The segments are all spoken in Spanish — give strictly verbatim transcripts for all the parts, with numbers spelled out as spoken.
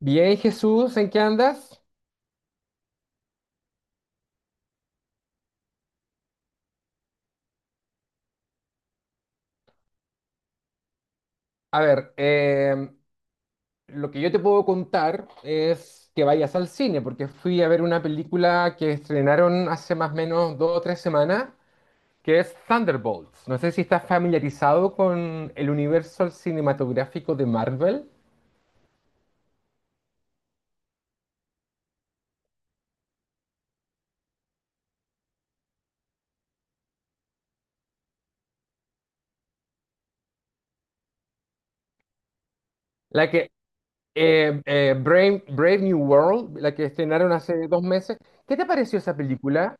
Bien, Jesús, ¿en qué andas? A ver, em, lo que yo te puedo contar es que vayas al cine, porque fui a ver una película que estrenaron hace más o menos dos o tres semanas, que es Thunderbolts. No sé si estás familiarizado con el universo cinematográfico de Marvel, la que eh, eh, Brave, Brave New World, la que estrenaron hace dos meses. ¿Qué te pareció esa película?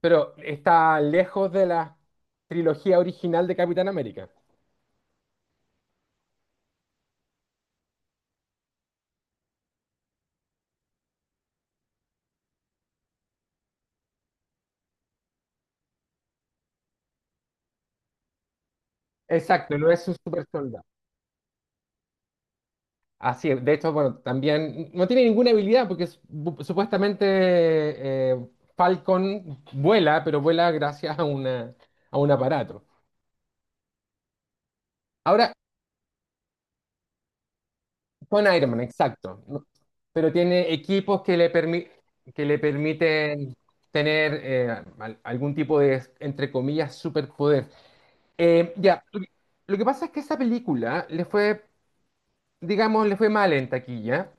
Pero está lejos de la trilogía original de Capitán América. Exacto, no es un super soldado. Así es. De hecho, bueno, también no tiene ninguna habilidad porque es- bu- supuestamente eh, Falcon vuela, pero vuela gracias a una, a un aparato. Ahora, con Iron Man, exacto. No- Pero tiene equipos que le permi- que le permiten tener eh, al- algún tipo de, entre comillas, superpoder. Eh, ya, lo que lo que pasa es que esa película le fue, digamos, le fue mal en taquilla.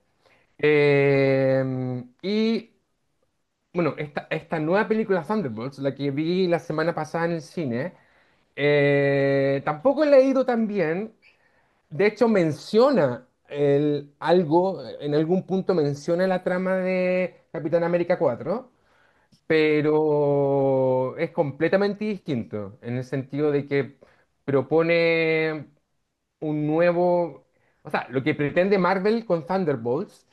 Eh, y Bueno, esta, esta nueva película Thunderbolts, la que vi la semana pasada en el cine, eh, tampoco la he ido tan bien. De hecho, menciona el, algo, en algún punto menciona la trama de Capitán América cuatro, pero es completamente distinto en el sentido de que propone un nuevo... O sea, lo que pretende Marvel con Thunderbolts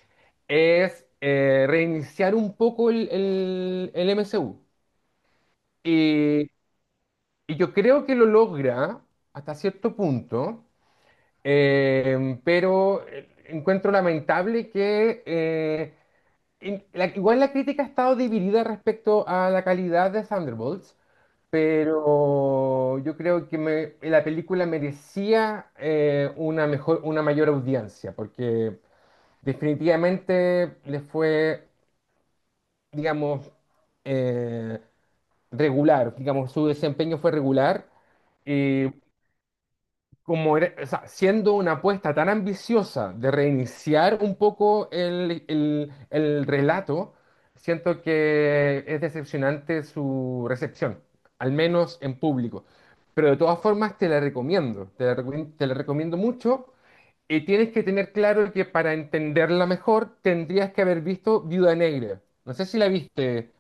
es eh, reiniciar un poco el, el el M C U. Y, y yo creo que lo logra hasta cierto punto, eh, pero eh, encuentro lamentable que eh, in- la- igual la crítica ha estado dividida respecto a la calidad de Thunderbolts, pero yo creo que me- la película merecía eh, una mejor, una mayor audiencia, porque definitivamente le fue, digamos, eh, regular, digamos, su desempeño fue regular. eh, como era- o sea, siendo una apuesta tan ambiciosa de reiniciar un poco el, el- el relato, siento que es decepcionante su recepción, al menos en público. Pero de todas formas te la recomiendo, te la, recomien- te la recomiendo mucho. Y tienes que tener claro que para entenderla mejor tendrías que haber visto Viuda Negra. No sé si la viste.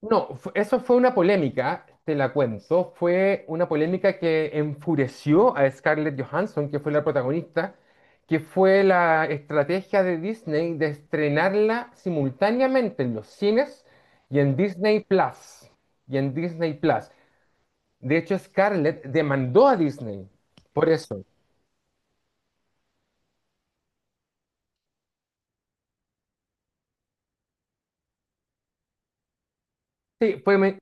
No, fu- eso fue una polémica, te la cuento. Fue una polémica que enfureció a Scarlett Johansson, que fue la protagonista, que fue la estrategia de Disney de estrenarla simultáneamente en los cines y en Disney Plus. Y en Disney Plus. De hecho, Scarlett demandó a Disney por eso. Sí, fue me-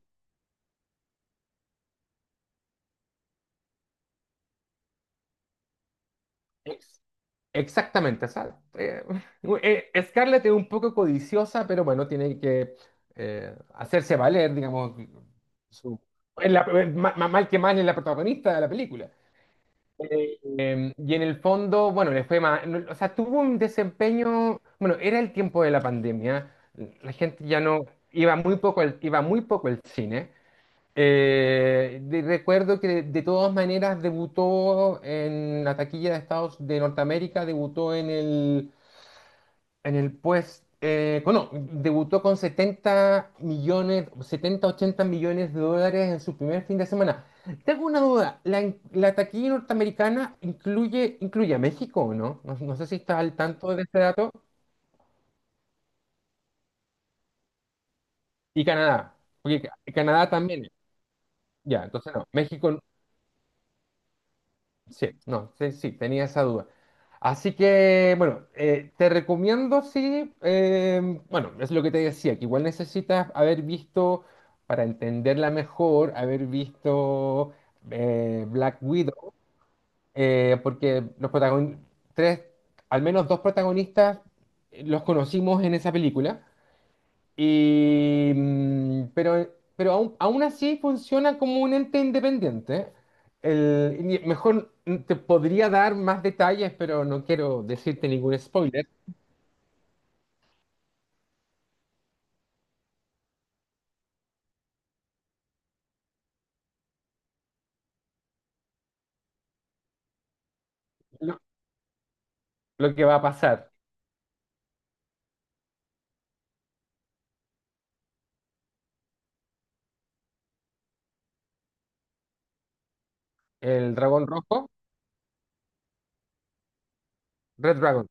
Exactamente, o sea, eh, eh, Scarlett es un poco codiciosa, pero bueno, tiene que eh, hacerse valer, digamos, su, es la- eh, ma- ma- mal que mal es la protagonista de la película. Eh, eh, y en el fondo, bueno, le fue más, no, o sea, tuvo un desempeño, bueno, era el tiempo de la pandemia, la gente ya no, iba muy poco al, iba muy poco al cine, eh, de- recuerdo que de, de todas maneras debutó en la taquilla de Estados de Norteamérica, debutó en el, en el pues, eh, bueno, debutó con setenta millones, setenta ochenta millones de dólares en su primer fin de semana. Tengo una duda, ¿la, in- la taquilla norteamericana incluye, incluye a México o no? No, no sé si está al tanto de este dato. Y Canadá, porque Ca- Canadá también. Ya, entonces no, México. Sí, no, sí, sí, tenía esa duda. Así que, bueno, eh, te recomiendo, sí, eh, bueno, es lo que te decía, que igual necesitas haber visto, para entenderla mejor, haber visto eh, Black Widow, eh, porque los protagonistas, tres, al menos dos protagonistas, eh, los conocimos en esa película. Y, mm, pero pero aún, aún así funciona como un ente independiente. El, ni- Mejor mm, te podría dar más detalles, pero no quiero decirte ningún spoiler. Lo, lo que va a pasar. El dragón rojo, Red Dragon.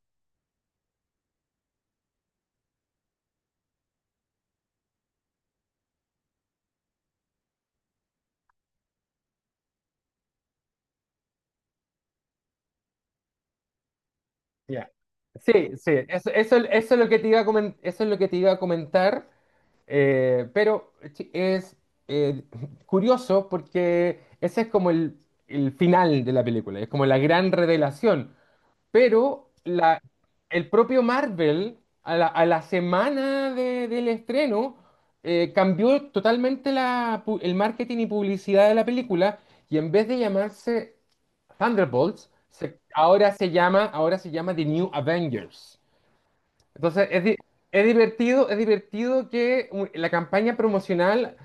Ya. Sí, sí, eso, eso, eso es lo que te iba a comen- eso es lo que te iba a comentar, eh, pero chi- es eh, curioso porque ese es como el, el final de la película, es como la gran revelación. Pero la, el propio Marvel, a la, a la semana de- del estreno, eh, cambió totalmente la pu- el marketing y publicidad de la película y en vez de llamarse Thunderbolts, se- ahora se llama, ahora se llama The New Avengers. Entonces, es, di- es divertido, es divertido que u- la campaña promocional,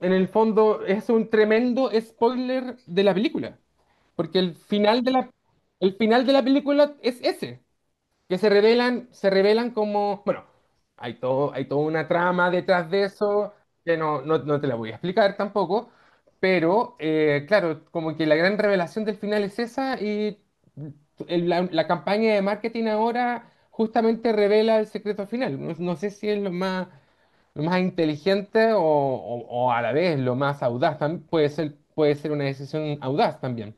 en el fondo, es un tremendo spoiler de la película. Porque el final de la, el final de la película es ese que se revelan, se revelan como, bueno, hay todo, hay toda una trama detrás de eso que no, no, no te la voy a explicar tampoco, pero eh, claro, como que la gran revelación del final es esa y el- la, la campaña de marketing ahora justamente revela el secreto final. No, no sé si es lo más, lo más inteligente o, o- o a la vez lo más audaz, tam- puede ser, puede ser una decisión audaz también.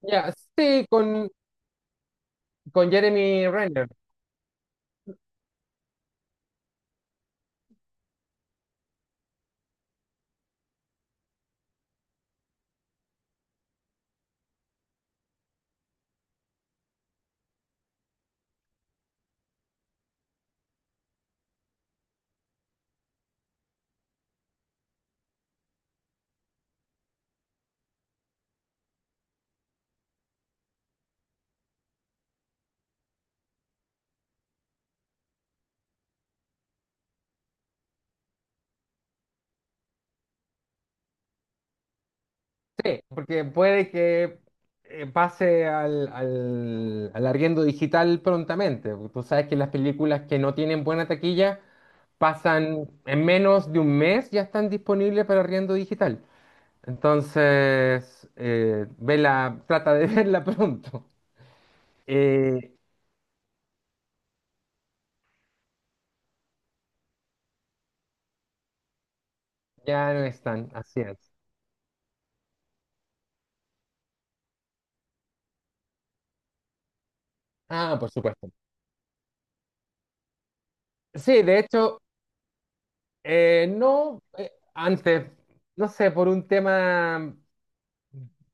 Ya, sí, con, con Jeremy Renner. Porque puede que eh, pase al, al, al arriendo digital prontamente. Tú sabes que las películas que no tienen buena taquilla pasan en menos de un mes, ya están disponibles para arriendo digital. Entonces, eh, vela, trata de verla pronto. Eh, ya no están, así es. Ah, por supuesto. Sí, de hecho, eh, no, eh, antes, no sé, por un tema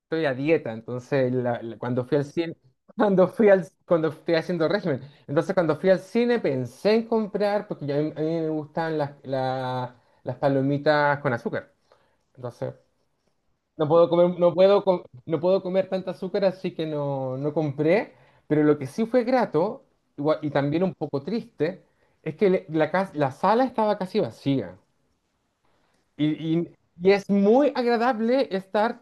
estoy a dieta, entonces la- la- cuando fui al cine, cuando fui al, cuando estoy haciendo régimen, entonces cuando fui al cine pensé en comprar, porque ya a mí, a mí me gustan las, la- las palomitas con azúcar, entonces no puedo comer, no puedo, com- no puedo comer tanta azúcar, así que no, no compré, pero lo que sí fue grato, igual- y también un poco triste, es que le- la, cas- la sala estaba casi vacía. Y, y- y es muy agradable estar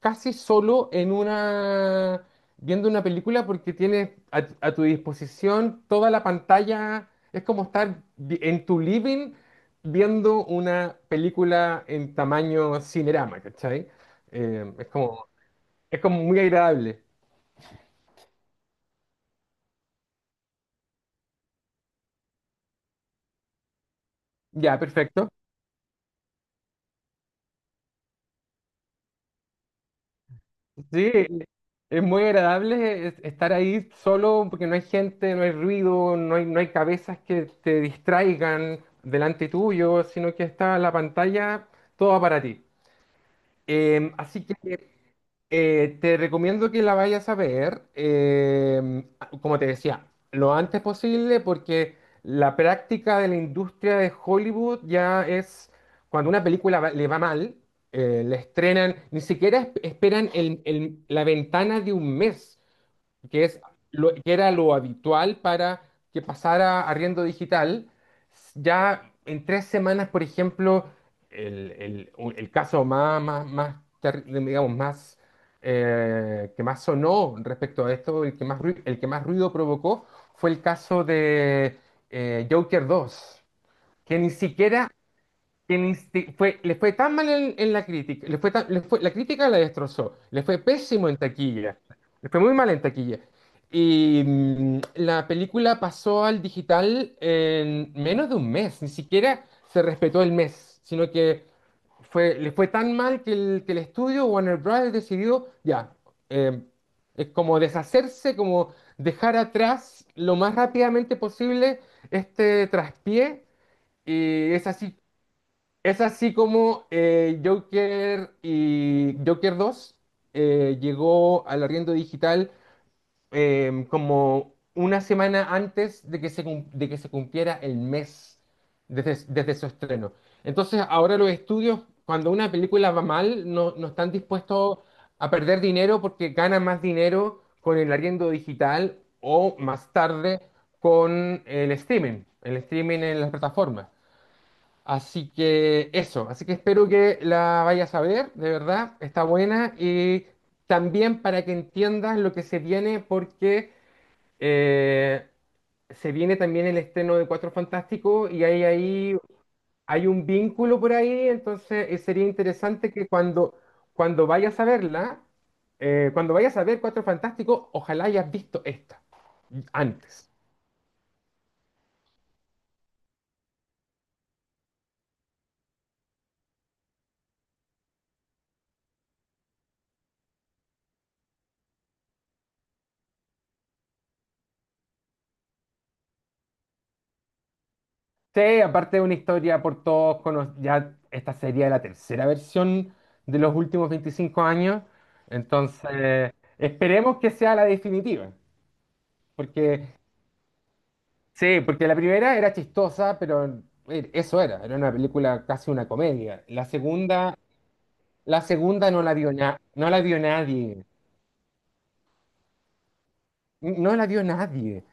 casi solo en una, viendo una película porque tienes a, a tu disposición toda la pantalla. Es como estar vi- en tu living viendo una película en tamaño Cinerama, ¿cachai? Eh, es como, es como muy agradable. Ya, perfecto. Sí, es muy agradable es- estar ahí solo porque no hay gente, no hay ruido, no hay, no hay cabezas que te distraigan delante tuyo, sino que está la pantalla toda para ti. Eh, así que eh, te recomiendo que la vayas a ver, eh, como te decía, lo antes posible porque la práctica de la industria de Hollywood ya es cuando una película va- le va mal, eh, la estrenan, ni siquiera esp- esperan el- el- la ventana de un mes que es lo, que era lo habitual para que pasara a arriendo digital, ya en tres semanas, por ejemplo, el, el- un- el caso más, más, más terri- digamos, más, eh, que más sonó respecto a esto, el que más ruido, el que más ruido provocó, fue el caso de eh, Joker dos que ni siquiera quien insti- fue, le fue tan mal en, en la crítica, le fue tan- le fue- la crítica la destrozó, le fue pésimo en taquilla, le fue muy mal en taquilla. Y mm, la película pasó al digital en menos de un mes, ni siquiera se respetó el mes, sino que fue, le fue tan mal que el, que el estudio Warner Bros. Decidió ya, eh, es como deshacerse, como dejar atrás lo más rápidamente posible este traspié. Y es así es así como eh, Joker y Joker dos eh, llegó al arriendo digital eh, como una semana antes de que se, cum- de que se cumpliera el mes desde, desde su estreno. Entonces, ahora los estudios, cuando una película va mal, no, no están dispuestos a perder dinero porque ganan más dinero con el arriendo digital o más tarde con el streaming, el streaming en las plataformas. Así que eso, así que espero que la vayas a ver, de verdad, está buena y también para que entiendas lo que se viene porque eh, se viene también el estreno de Cuatro Fantásticos y hay ahí hay un vínculo por ahí, entonces eh, sería interesante que cuando, cuando vayas a verla, eh, cuando vayas a ver Cuatro Fantásticos, ojalá hayas visto esta antes. Sí, aparte de una historia por todos conocida, ya esta sería la tercera versión de los últimos veinticinco años, entonces esperemos que sea la definitiva, porque sí, porque la primera era chistosa, pero eh, eso era, era una película casi una comedia. La segunda, la segunda no la vio na- no la vio nadie, no la vio nadie.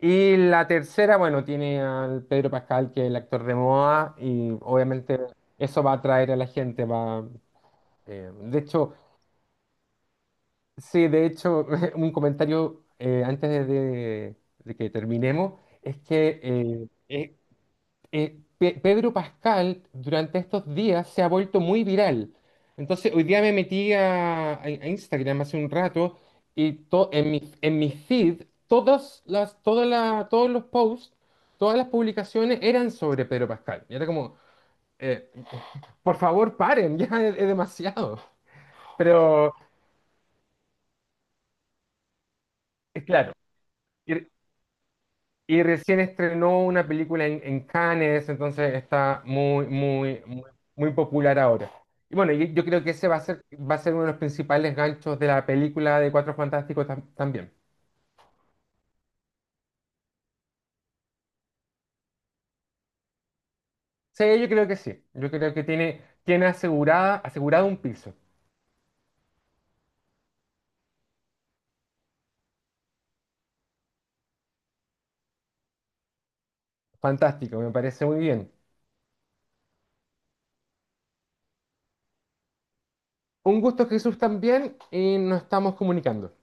Y la tercera, bueno, tiene al Pedro Pascal, que es el actor de Moa y obviamente eso va a atraer a la gente, va. Eh, de hecho, sí, de hecho, un comentario eh, antes de, de- de que terminemos es que eh, eh, eh, Pe- Pedro Pascal durante estos días se ha vuelto muy viral. Entonces, hoy día me metí a, a- a Instagram hace un rato y to- en mi, en mi feed, todas las, todas la- todos los posts, todas las publicaciones eran sobre Pedro Pascal. Y era como, eh, por favor, paren, ya es es demasiado. Pero, eh, claro. Y recién estrenó una película en, en Cannes, entonces está muy, muy, muy, muy popular ahora. Y bueno, y yo creo que ese va a ser, va a ser uno de los principales ganchos de la película de Cuatro Fantásticos tam- también. Sí, yo creo que sí. Yo creo que tiene, tiene asegurada, asegurado un piso. Fantástico, me parece muy bien. Un gusto, Jesús, también, y nos estamos comunicando.